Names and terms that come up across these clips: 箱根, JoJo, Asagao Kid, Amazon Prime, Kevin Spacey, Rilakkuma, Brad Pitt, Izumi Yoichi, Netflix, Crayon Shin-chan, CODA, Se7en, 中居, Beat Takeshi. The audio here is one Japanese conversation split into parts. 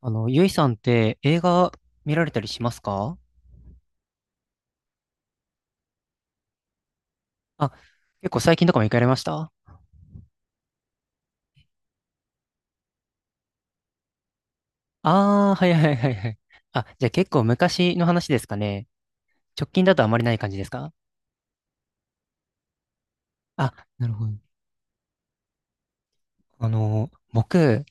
ゆいさんって映画見られたりしますか？あ、結構最近とかも行かれました？ああー、はいはいはいはい。あ、じゃあ結構昔の話ですかね。直近だとあまりない感じですか？あ、なるほど。僕、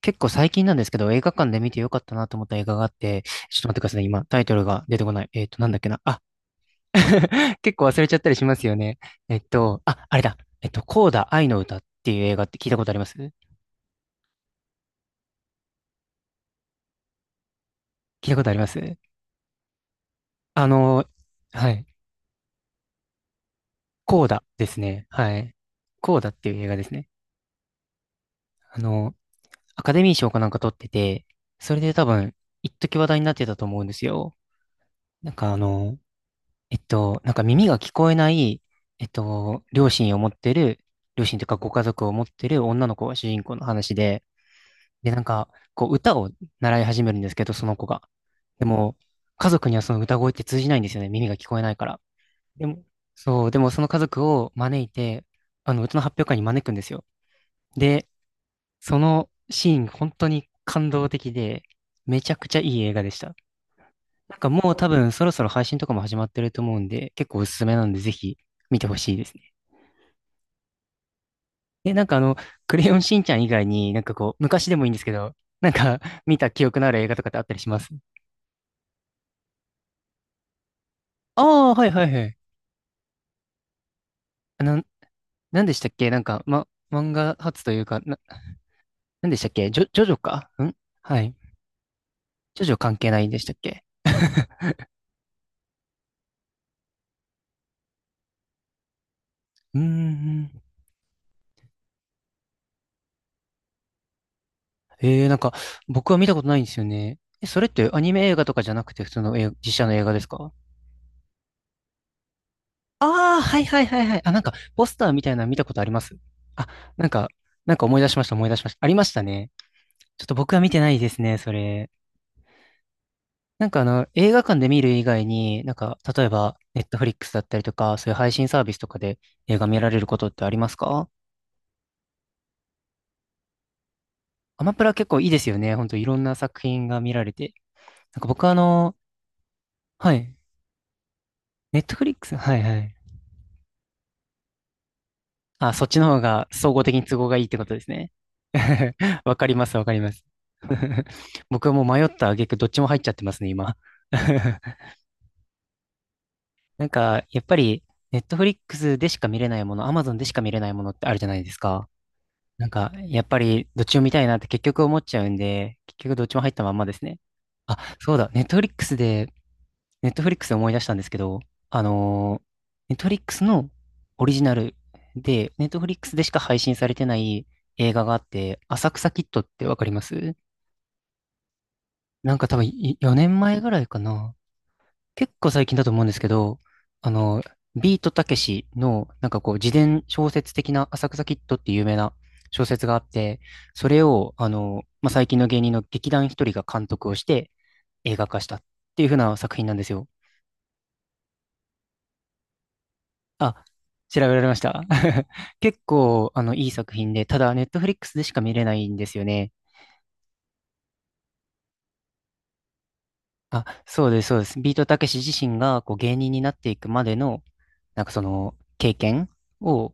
結構最近なんですけど、映画館で見てよかったなと思った映画があって、ちょっと待ってくださいね。今、タイトルが出てこない。なんだっけな。あ、結構忘れちゃったりしますよね。あれだ。コーダ愛の歌っていう映画って聞いたことあります？聞いたことあります？あの、はい。コーダですね。はい。コーダっていう映画ですね。あの、アカデミー賞かなんか取ってて、それで多分、一時話題になってたと思うんですよ。なんかあの、なんか耳が聞こえない、両親を持ってる、両親というかご家族を持ってる女の子が主人公の話で、で、なんか、こう、歌を習い始めるんですけど、その子が。でも、家族にはその歌声って通じないんですよね。耳が聞こえないから。でも、そう、でもその家族を招いて、歌の発表会に招くんですよ。で、そのシーン、本当に感動的で、めちゃくちゃいい映画でした。なんかもう多分そろそろ配信とかも始まってると思うんで、結構おすすめなんでぜひ見てほしいですね。え、なんかあの、クレヨンしんちゃん以外になんかこう、昔でもいいんですけど、なんか 見た記憶のある映画とかってあったりします？ああー、はいはいはい。あの、なんでしたっけ、なんか、ま、漫画発というか、な、なんでしたっけ、ジョ、ジョジョかん？はい。ジョジョ関係ないんでしたっけ？ うーん。ええ、なんか、僕は見たことないんですよね。え、それってアニメ映画とかじゃなくて普通の映画、実写の映画ですか？ああー、はいはいはいはい。あ、なんか、ポスターみたいなの見たことあります？あ、なんか、なんか思い出しました思い出しましたありましたね。ちょっと僕は見てないですね、それ。映画館で見る以外に、なんか、例えば、ネットフリックスだったりとか、そういう配信サービスとかで映画見られることってありますか？アマプラ結構いいですよね。ほんといろんな作品が見られて。なんか僕はあの、はい。ネットフリックス、はいはい。あ、そっちの方が総合的に都合がいいってことですね。わかります、わかります。僕はもう迷った挙句どっちも入っちゃってますね、今。なんか、やっぱり、ネットフリックスでしか見れないもの、アマゾンでしか見れないものってあるじゃないですか。なんか、やっぱり、どっちも見たいなって結局思っちゃうんで、結局どっちも入ったまんまですね。あ、そうだ、ネットフリックスでネットフリックスで思い出したんですけど、あのネットフリックスのオリジナルで、ネットフリックスでしか配信されてない映画があって、浅草キッドってわかります？なんか多分4年前ぐらいかな。結構最近だと思うんですけど、あの、ビートたけしの、なんかこう、自伝小説的な浅草キッドっていう有名な小説があって、それを、あの、まあ、最近の芸人の劇団ひとりが監督をして映画化したっていう風な作品なんですよ。あ、調べられました。結構、あの、いい作品で、ただ、ネットフリックスでしか見れないんですよね。あ、そうです、そうです。ビートたけし自身が、こう、芸人になっていくまでの、なんかその、経験を、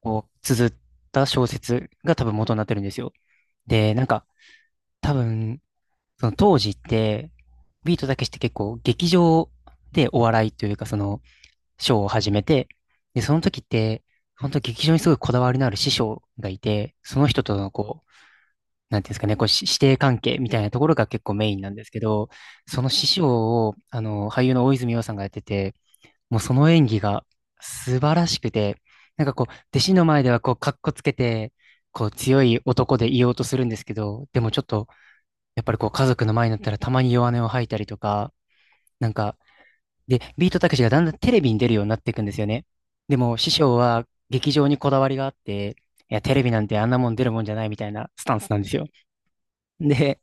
こう、綴った小説が多分元になってるんですよ。で、なんか、多分、その当時って、ビートたけしって結構、劇場でお笑いというか、その、ショーを始めて、で、その時って、本当劇場にすごいこだわりのある師匠がいて、その人とのこう、なんていうんですかね、こう、し師弟関係みたいなところが結構メインなんですけど、その師匠を、あの、俳優の大泉洋さんがやってて、もうその演技が素晴らしくて、なんかこう、弟子の前ではこう、かっこつけて、こう、強い男でいようとするんですけど、でもちょっと、やっぱりこう、家族の前になったらたまに弱音を吐いたりとか、なんか、で、ビートたけしがだんだんテレビに出るようになっていくんですよね。でも、師匠は劇場にこだわりがあって、いや、テレビなんてあんなもん出るもんじゃないみたいなスタンスなんですよ。で、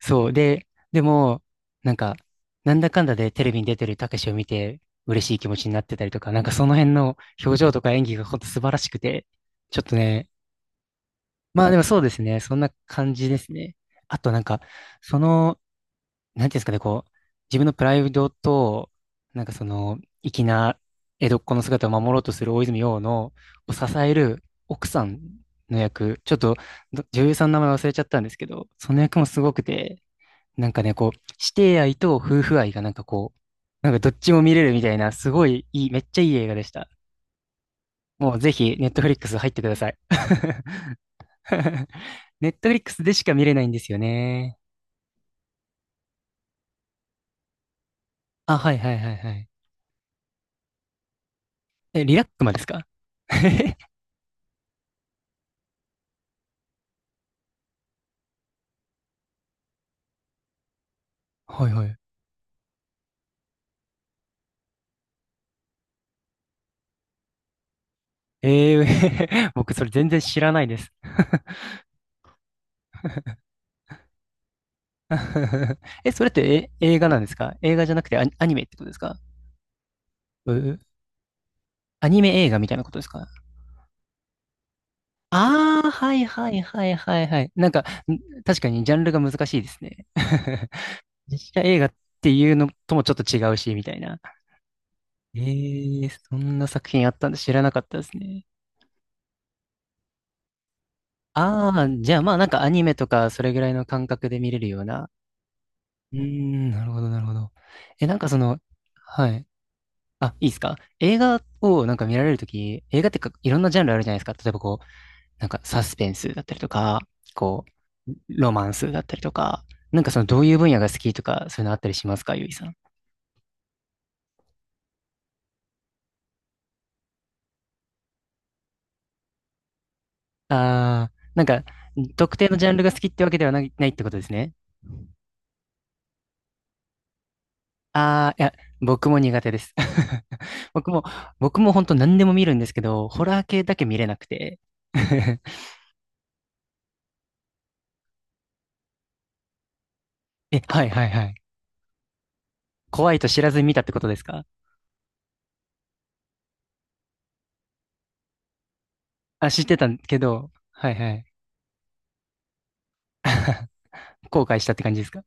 そう。で、でも、なんか、なんだかんだでテレビに出てるたけしを見て、嬉しい気持ちになってたりとか、なんかその辺の表情とか演技がほんと素晴らしくて、ちょっとね、まあでもそうですね、そんな感じですね。あとなんか、その、なんていうんですかね、こう、自分のプライドと、なんかその、粋な江戸っ子の姿を守ろうとする大泉洋の、を支える奥さんの役、ちょっとど女優さんの名前忘れちゃったんですけど、その役もすごくて、なんかね、こう、師弟愛と夫婦愛がなんかこう、なんかどっちも見れるみたいな、すごいいい、めっちゃいい映画でした。もうぜひ、ネットフリックス入ってください。ネットフリックスでしか見れないんですよね。あ、はいはいはいはい。え、リラックマですか？ はいはい。えー、僕それ全然知らないです。え、それってえ映画なんですか？映画じゃなくてアニ、アニメってことですか？うう、アニメ映画みたいなことですか？ああ、はいはいはいはいはい。なんか、ん、確かにジャンルが難しいですね。実写映画っていうのともちょっと違うし、みたいな。え、えー、そんな作品あったんだ、知らなかったですね。ああ、じゃあまあなんかアニメとかそれぐらいの感覚で見れるような。うーん、なるほどなるほど。え、なんかその、はい。あ、いいですか？映画をなんか見られるとき、映画ってかいろんなジャンルあるじゃないですか。例えばこう、なんかサスペンスだったりとか、こう、ロマンスだったりとか、なんかそのどういう分野が好きとか、そういうのあったりしますか、ゆいさん。あー、なんか、特定のジャンルが好きってわけではない、ないってことですね。あー、いや、僕も苦手です。僕も、僕も本当何でも見るんですけど、ホラー系だけ見れなくて。え、はいはいはい。怖いと知らずに見たってことですか？あ、知ってたけど、はいはい。後悔したって感じですか？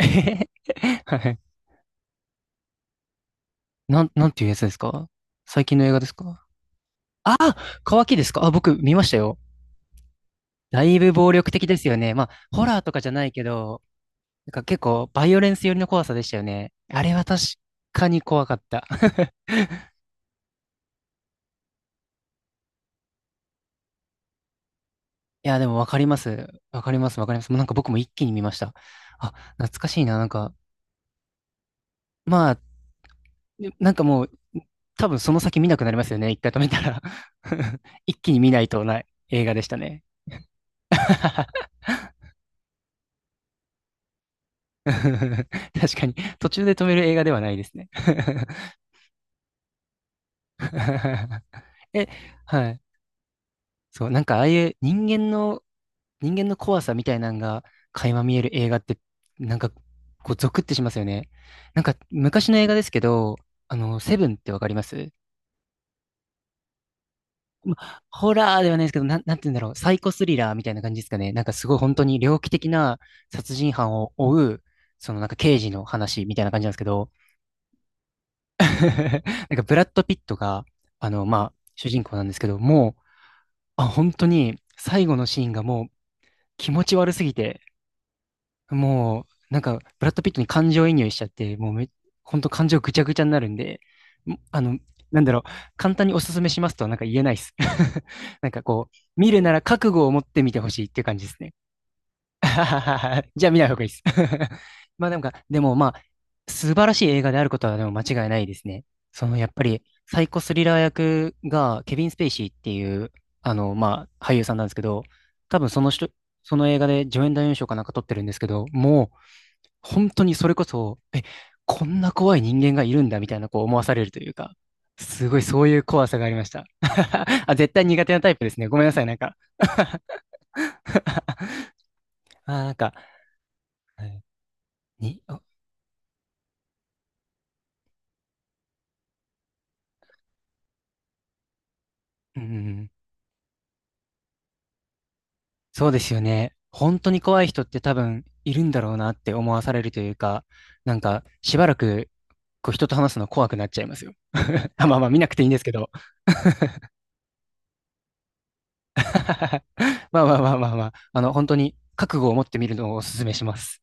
えへへ はい。なんていうやつですか？最近の映画ですか？ああ、乾きですか、あ、僕見ましたよ。だいぶ暴力的ですよね。まあ、ホラーとかじゃないけど、なんか結構バイオレンス寄りの怖さでしたよね。あれは確かに怖かった。いや、でもわかります。わかります、わかります。もうなんか僕も一気に見ました。あ、懐かしいな。なんか、まあ、なんかもう多分その先見なくなりますよね。一回止めたら、 一気に見ないとない映画でしたね。確かに、途中で止める映画ではないですね。え、はい。そう、なんかああいう人間の、人間の怖さみたいなのが垣間見える映画って、なんかこうゾクってしますよね。なんか昔の映画ですけど、あの、セブンってわかります？まあホラーではないですけど、なんて言うんだろう、サイコスリラーみたいな感じですかね。なんかすごい本当に猟奇的な殺人犯を追う、そのなんか刑事の話みたいな感じなんですけど、なんかブラッド・ピットが、あの、まあ、主人公なんですけど、もう、あ、本当に最後のシーンがもう気持ち悪すぎて、もう、なんか、ブラッド・ピットに感情移入しちゃって、もうめ、ほんと感情ぐちゃぐちゃになるんで、もあの、なんだろう、簡単におすすめしますとはなんか言えないです。なんかこう、見るなら覚悟を持って見てほしいっていう感じですね。じゃあ見ない方がいいです。まあなんか、でもまあ、素晴らしい映画であることはでも間違いないですね。そのやっぱり、サイコスリラー役がケビン・スペイシーっていう、あの、まあ、俳優さんなんですけど、多分その人、その映画で助演男優賞かなんか取ってるんですけど、もう本当にそれこそ、え、こんな怖い人間がいるんだみたいなこう思わされるというか、すごいそういう怖さがありました。あ、絶対苦手なタイプですね。ごめんなさい。なんか、あー、なんか、はいに、あうん、そうですよね。本当に怖い人って多分いるんだろうなって思わされるというか、なんか、しばらく、こう人と話すの怖くなっちゃいますよ。あまあまあ見なくていいんですけど。まあまあまあまあまあ、あの、本当に覚悟を持ってみるのをお勧めします。